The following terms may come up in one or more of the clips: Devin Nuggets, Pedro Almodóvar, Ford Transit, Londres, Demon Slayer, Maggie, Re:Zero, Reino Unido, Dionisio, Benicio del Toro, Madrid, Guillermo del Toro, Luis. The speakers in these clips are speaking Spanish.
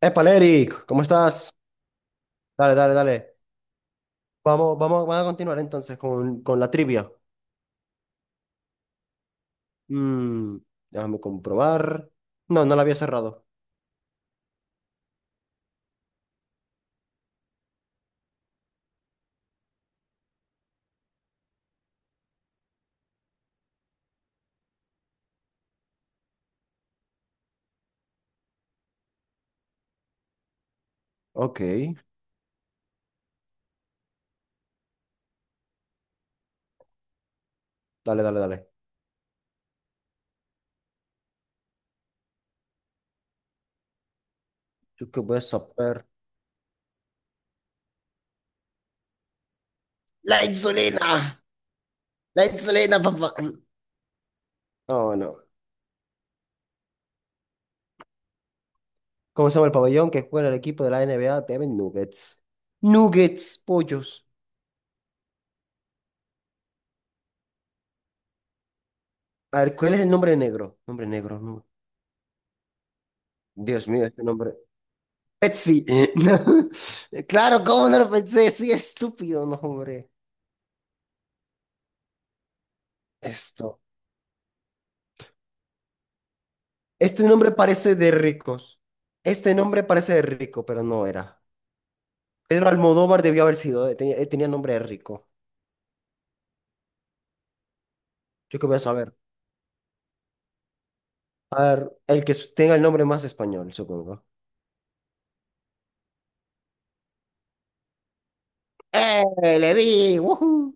Épale, Eric, ¿cómo estás? Dale, dale, dale. Vamos, vamos, vamos a continuar entonces con, la trivia. Mm, déjame comprobar. No, no la había cerrado. Ok, dale, dale, dale. ¿Yo qué voy a saber? La insulina, la insulina, papá. No, no. ¿Cómo se llama el pabellón que juega el equipo de la NBA? Devin Nuggets. Nuggets, pollos. A ver, ¿cuál es el nombre negro? Nombre negro, no. Dios mío, este nombre. Pepsi. No. Claro, ¿cómo no lo pensé? Sí, estúpido, no, hombre. Esto. Este nombre parece de ricos. Este nombre parece de rico, pero no era. Pedro Almodóvar debió haber sido. Tenía, tenía nombre de rico. Yo qué voy a saber. A ver, el que tenga el nombre más español, supongo. ¡Eh! Le di. ¡Woohoo!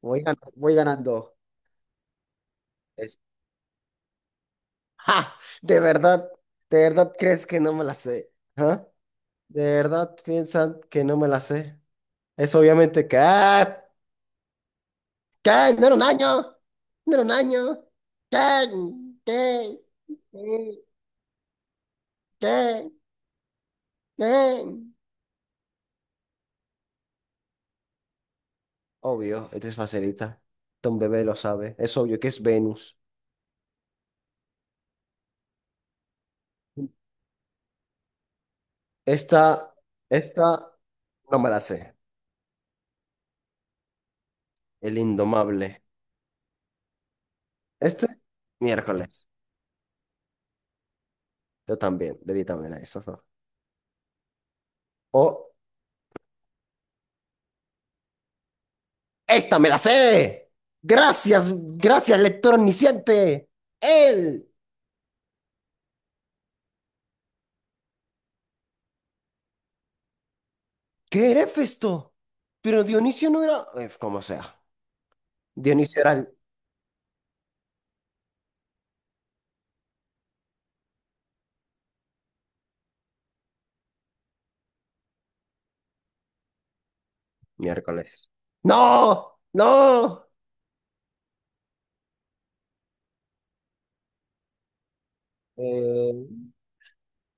Voy ganando. Es- ¡Ja! De verdad, de verdad crees que no me la sé. ¿Ah? De verdad piensan que no me la sé. Es obviamente que. ¡Ah! ¿Qué? ¿No era un año? ¿No era un año? ¿Qué? ¿Qué? ¿Qué? ¿Qué? ¿Qué? Obvio, esta es facilita. Don Bebé lo sabe. Es obvio que es Venus. Esta, esta, no me la sé. El indomable. Este, miércoles. Yo también, de vitamina eso. ¿No? O, esta me la sé. Gracias, gracias, lector omnisciente. Él. ¿Qué era Festo? Pero Dionisio no era... Como sea. Dionisio era el miércoles. ¡No! ¡No! Eh,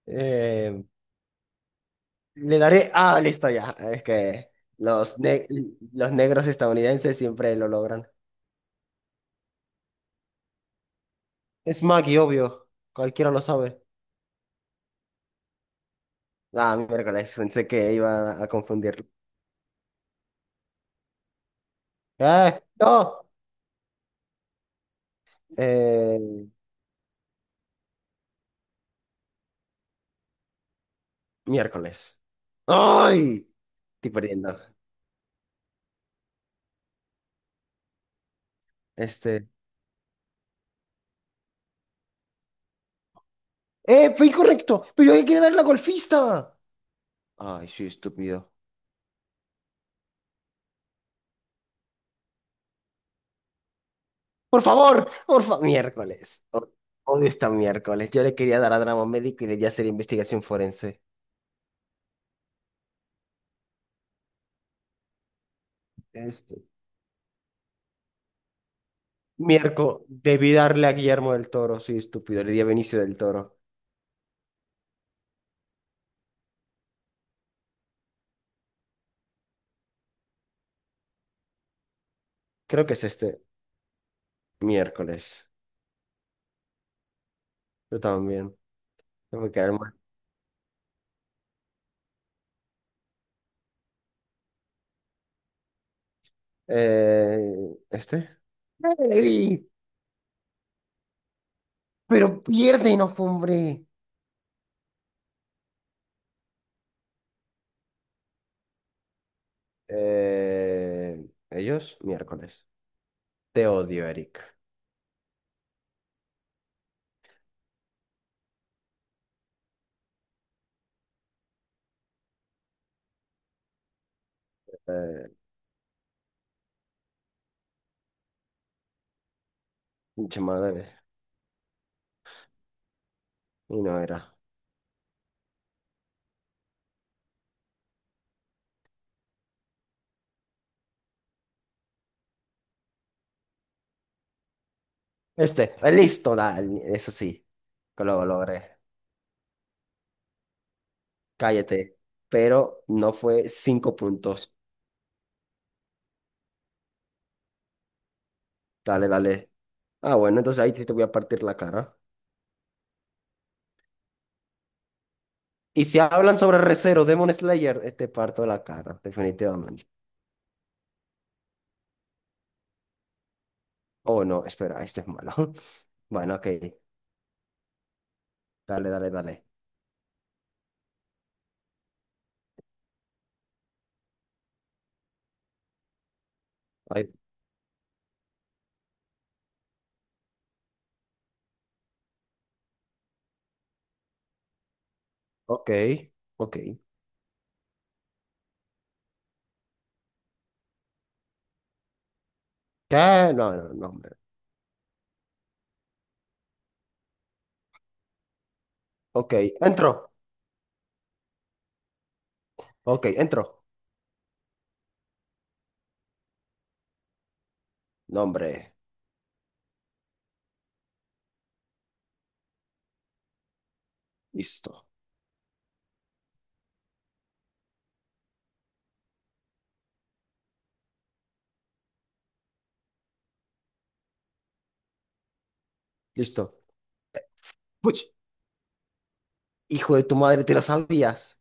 eh, le daré. Ah, listo ya. Es que los, ne- los negros estadounidenses siempre lo logran. Es Maggie, obvio. Cualquiera lo sabe. Ah, miércoles. Pensé que iba a confundirlo. ¡Eh! ¡No! Eh, miércoles. ¡Ay! Estoy perdiendo. Este. ¡Eh! Fue incorrecto. Pero yo quería dar la golfista. Ay, sí, estúpido. Por favor, por favor. Miércoles. Odio esta miércoles. Yo le quería dar a drama médico y debía hacer investigación forense. Este. Miércoles. Debí darle a Guillermo del Toro. Soy estúpido. Le di a Benicio del Toro. Creo que es este. Miércoles. Yo también. No me quedar mal. ¿Este? ¡Ey! Pero piérdenos, hombre. ¿Ellos? Miércoles. Te odio, Eric. Eh, pinche madre. Y no era. Este, listo, da, eso sí, que lo logré. Cállate. Pero no fue cinco puntos. Dale, dale. Ah, bueno, entonces ahí sí te voy a partir la cara. Y si hablan sobre Re:Zero, Demon Slayer, te parto la cara, definitivamente. Oh, no, espera, este es malo. Bueno, ok. Dale, dale, dale. Ay, ok, ok. ¿Qué? No, no, no, hombre. Ok, entro. Ok, entro. No, hombre. Listo, listo. Puch, hijo de tu madre, ¿te lo sabías?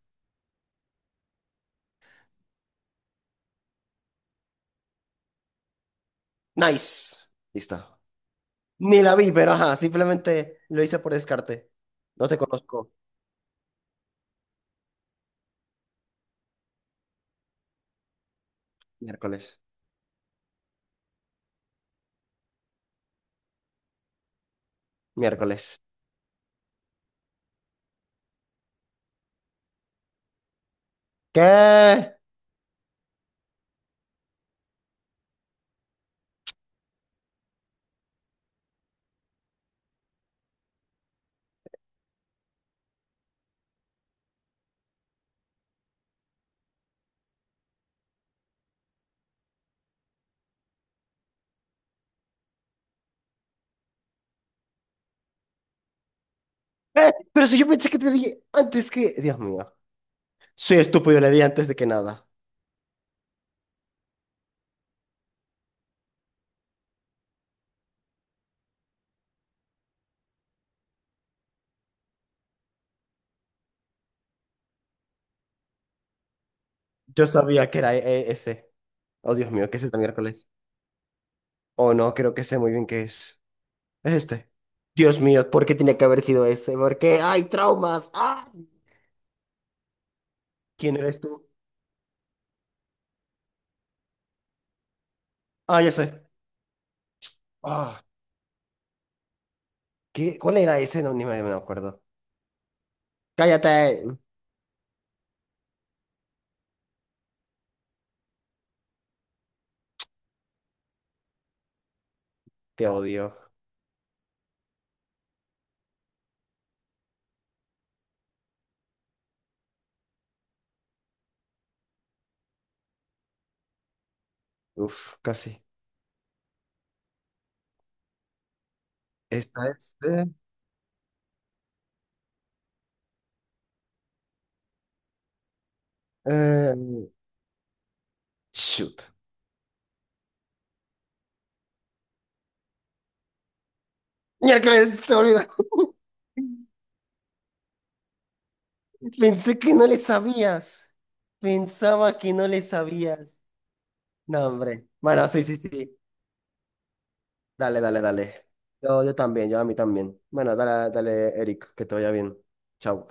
Nice. Listo. Ni la vi, pero ajá, simplemente lo hice por descarte. No te conozco. Miércoles. Miércoles. ¿Qué? Pero si yo pensé que te dije antes que... Dios mío. Soy estúpido, le di antes de que nada. Yo sabía que era e- ese. Oh, Dios mío, ¿qué es este miércoles? Oh, no, creo que sé muy bien qué es. Es este. Dios mío, ¿por qué tenía que haber sido ese? Porque hay traumas. ¡Ah! ¿Quién eres tú? Ah, ya sé. Ah, ¿qué? ¿Cuál era ese? No me acuerdo. Cállate. Te odio. Uf, casi. Esta es de... eh, shoot. Miércoles, se me olvidó. Pensé que no le sabías. Pensaba que no le sabías. No, hombre. Bueno, sí, sí, sí. Dale, dale, dale. Yo también, yo a mí también. Bueno, dale, dale, Eric, que te vaya bien. Chao.